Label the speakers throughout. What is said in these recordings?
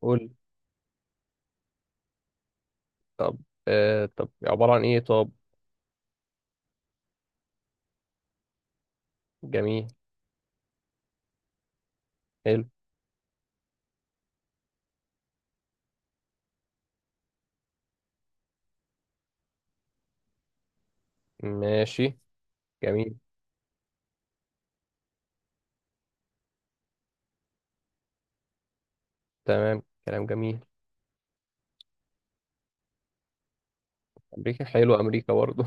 Speaker 1: قول. طب آه طب عبارة عن ايه؟ طب جميل. حلو. ماشي جميل. تمام، كلام جميل. امريكا، حلو امريكا برضه.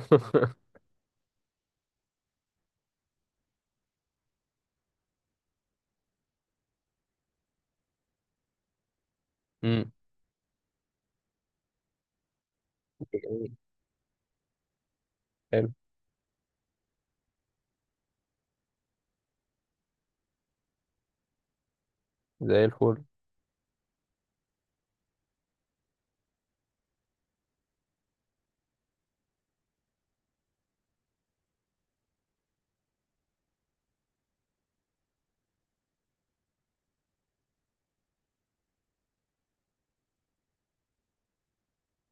Speaker 1: امم. جميل. حلو. زي الفل.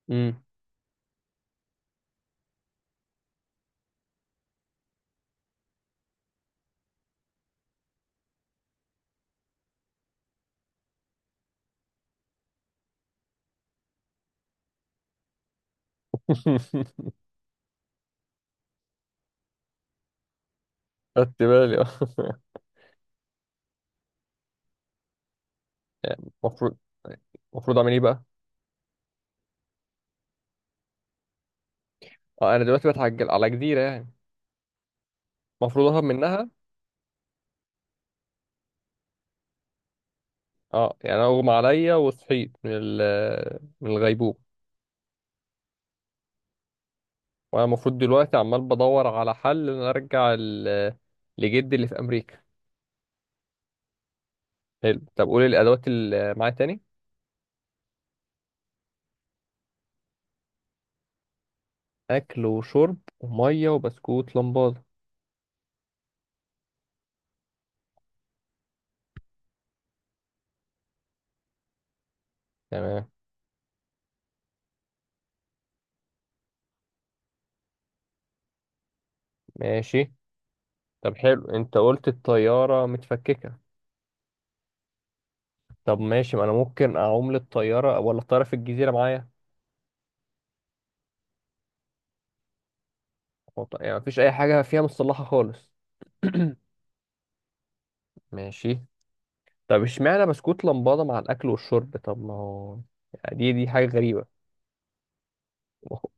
Speaker 1: امم. خدت بالي آه،. يعني المفروض، المفروض اعمل ايه بقى؟ اه انا دلوقتي بتعجل على جزيرة يعني؟ المفروض اهرب منها؟ اه، يعني انا اغمى عليا وصحيت من الغيبوبة. وانا المفروض دلوقتي عمال بدور على حل ان أنا ارجع لجدي اللي في امريكا. حلو، طب قول الادوات اللي معايا تاني. اكل وشرب وميه وبسكوت لمبادة، تمام. ماشي. طب حلو، انت قلت الطياره متفككه. طب ماشي، ما انا ممكن اعوم للطياره، ولا الطياره في الجزيره معايا؟ يعني مفيش اي حاجه فيها مصلحه خالص؟ ماشي. طب اشمعنى بسكوت لمبادة مع الأكل والشرب؟ طب ما هو يعني دي حاجة غريبة.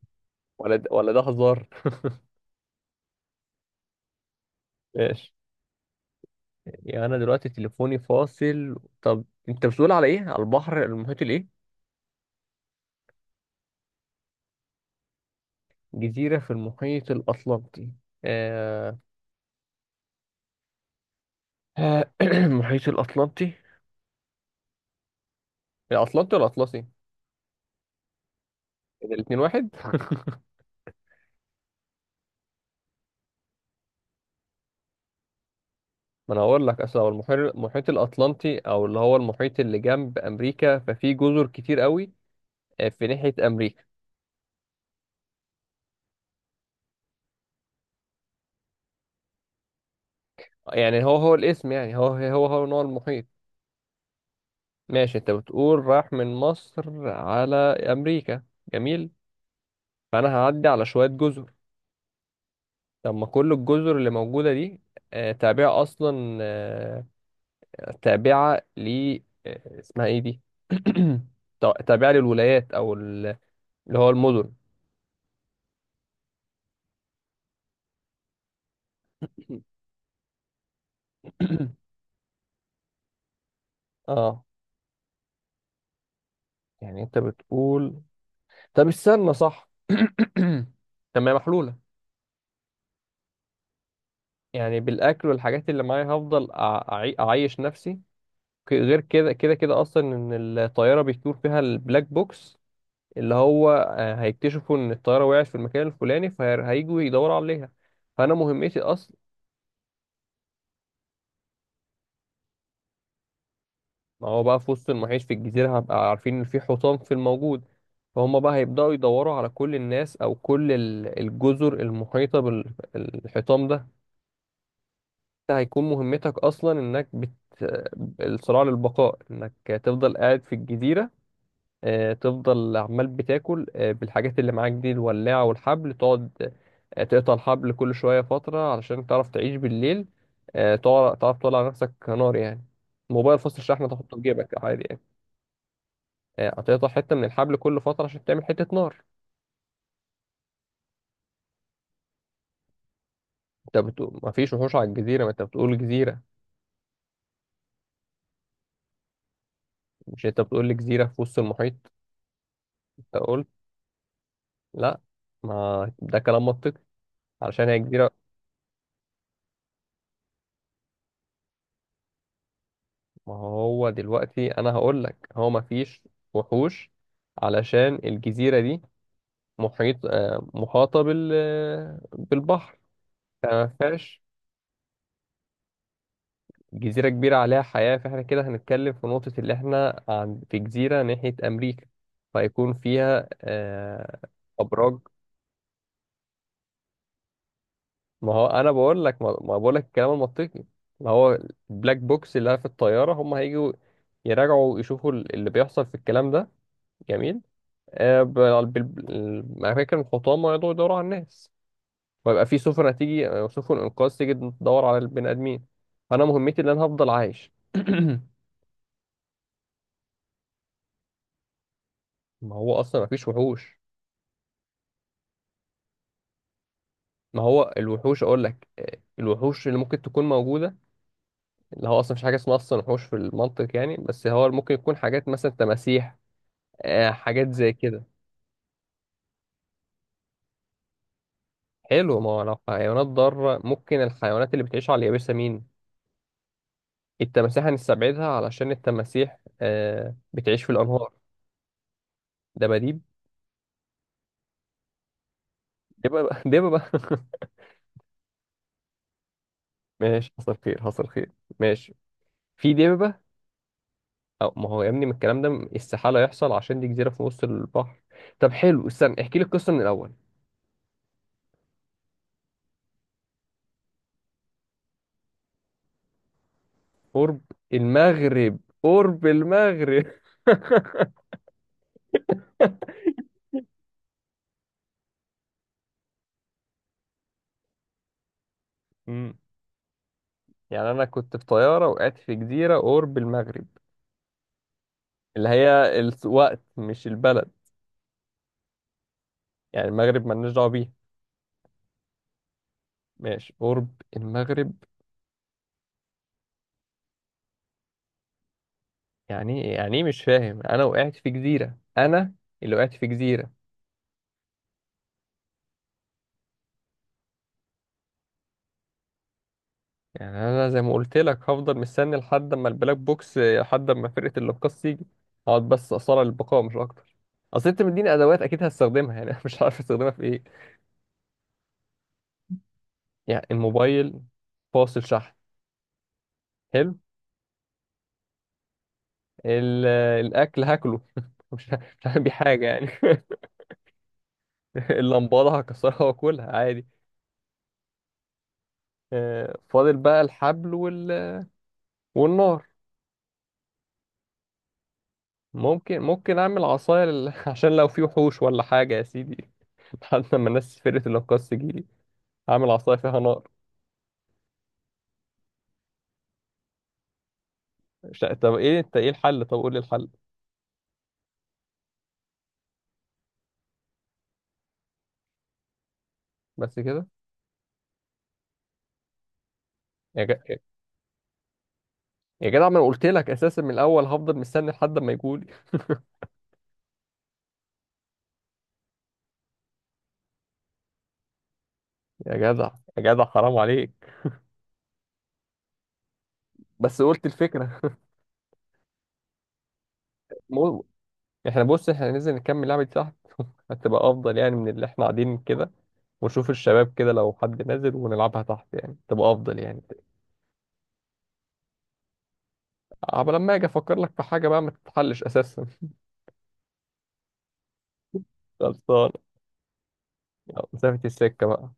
Speaker 1: ولا ده ولا ده هزار؟ ماشي. يعني أنا دلوقتي تليفوني فاصل. طب أنت بتقول على إيه؟ على البحر المحيط الايه؟ جزيرة في المحيط الأطلنطي. آه... المحيط الأطلنطي. الأطلنطي ولا الأطلسي؟ الاتنين واحد؟ ما أنا هقول لك، أصل هو المحيط، المحيط الأطلنطي، أو اللي هو المحيط اللي جنب أمريكا، ففي جزر كتير قوي آه، في ناحية أمريكا. يعني هو الاسم، يعني هو نوع المحيط. ماشي، أنت بتقول راح من مصر على أمريكا. جميل. فأنا هعدي على شوية جزر. طب ما كل الجزر اللي موجودة دي آه، تابعة أصلا آه، تابعة ل آه، اسمها ايه دي؟ تابعة للولايات اللي هو المدن. اه، يعني انت بتقول، طب استنى صح. طب ما هي محلولة، يعني بالاكل والحاجات اللي معايا هفضل اعيش نفسي. غير كده كده كده اصلا ان الطيارة بيطير فيها البلاك بوكس، اللي هو آه، هيكتشفوا ان الطيارة وقعت في المكان الفلاني، فهيجوا يدوروا عليها. فانا مهمتي، ما هو بقى في وسط المعيش في الجزيرة هبقى عارفين إن في حصان في الموجود، فهم بقى هيبدأوا يدوروا على كل الناس أو كل الجزر المحيطة بالحيطان ده. ده هيكون مهمتك أصلا، إنك بت... الصراع للبقاء، إنك تفضل قاعد في الجزيرة آه، تفضل عمال بتاكل آه، بالحاجات اللي معاك دي، الولاعة والحبل، تقعد آه، تقطع الحبل كل شوية فترة علشان تعرف تعيش بالليل آه، تعرف تولع نفسك نار يعني. موبايل فصل الشحن تحطه في جيبك عادي يعني. آه، هتقطع حتة من الحبل كل فترة عشان تعمل حتة نار. انت بتقول مفيش وحوش على الجزيرة، ما انت بتقول جزيرة. مش انت بتقول لي جزيرة في وسط المحيط؟ انت قلت. لا، ما ده كلام منطقي، علشان هي جزيرة. ما هو دلوقتي انا هقول لك هو مفيش وحوش، علشان الجزيرة دي محيط آه، محاطة بال آه، بالبحر، فما فيهاش. جزيرة كبيرة عليها حياة، فاحنا كده هنتكلم في نقطة اللي احنا عن في جزيرة ناحية أمريكا، فيكون فيها آه أبراج. ما هو أنا بقول لك، ما بقول لك الكلام المنطقي. ما هو البلاك بوكس اللي في الطيارة، هم هيجوا يراجعوا يشوفوا اللي بيحصل في الكلام ده. جميل آه، الأماكن، الحطام، ويقعدوا يدوروا على الناس، ويبقى في سفن هتيجي آه، سفن إنقاذ تيجي تدور على البني آدمين. فأنا مهمتي إن أنا هفضل عايش. ما هو أصلا مفيش وحوش. ما هو الوحوش، اقول لك آه، الوحوش اللي ممكن تكون موجوده، اللي هو اصلا مفيش حاجه اسمها اصلا وحوش في المنطق يعني، بس هو ممكن يكون حاجات مثلا تماسيح آه، حاجات زي كده. حلو، ما هو لو حيوانات ضاره، ممكن الحيوانات اللي بتعيش على اليابسه مين؟ التماسيح هنستبعدها علشان التماسيح آه، بتعيش في الانهار. دباديب؟ دببة. دببة. ماشي، حصل خير، حصل خير. ماشي، في دببة. أو ما هو يا ابني من الكلام ده استحالة يحصل، عشان دي جزيرة في نص البحر. طب حلو، استنى احكي لي القصة من الأول. قرب المغرب؟ قرب المغرب؟ مم. يعني انا كنت في طياره وقعت في جزيره قرب المغرب، اللي هي الوقت مش البلد. يعني المغرب مالناش دعوه بيها. ماشي، قرب المغرب. يعني إيه؟ يعني ايه، مش فاهم؟ انا وقعت في جزيره، انا اللي وقعت في جزيره. يعني انا زي ما قلت لك، هفضل مستني لحد اما البلاك بوكس، لحد اما فرقه الانقاذ تيجي. اقعد بس اصارع البقاء، مش اكتر. اصل انت مديني ادوات اكيد هستخدمها يعني. أنا مش عارف استخدمها في ايه. يعني الموبايل فاصل شحن، حلو. ال- الاكل هاكله. مش هعمل بيه حاجه يعني. اللمبادة هكسرها واكلها عادي. آه، فاضل بقى الحبل وال... والنار. ممكن اعمل عصاية لل... عشان لو في وحوش ولا حاجة يا سيدي، لحد ما الناس فرقة الانقاذ تجيلي اعمل عصاية فيها نار. مش... طب ايه؟ انت ايه الحل؟ طب قول لي الحل. بس كده؟ يا جدع، يا جدع، ما انا قلت لك اساسا من الاول هفضل مستني لحد ما يجولي. يا جدع، يا جدع، حرام عليك. بس قلت الفكرة. مو... احنا بص، احنا ننزل نكمل لعبة دي تحت. هتبقى افضل يعني من اللي احنا قاعدين كده. ونشوف الشباب كده لو حد نازل ونلعبها تحت، يعني تبقى افضل يعني. عبال لما اجي افكر لك في حاجة بقى ما تتحلش اساسا. خلصان. يلا، مسافة السكة بقى.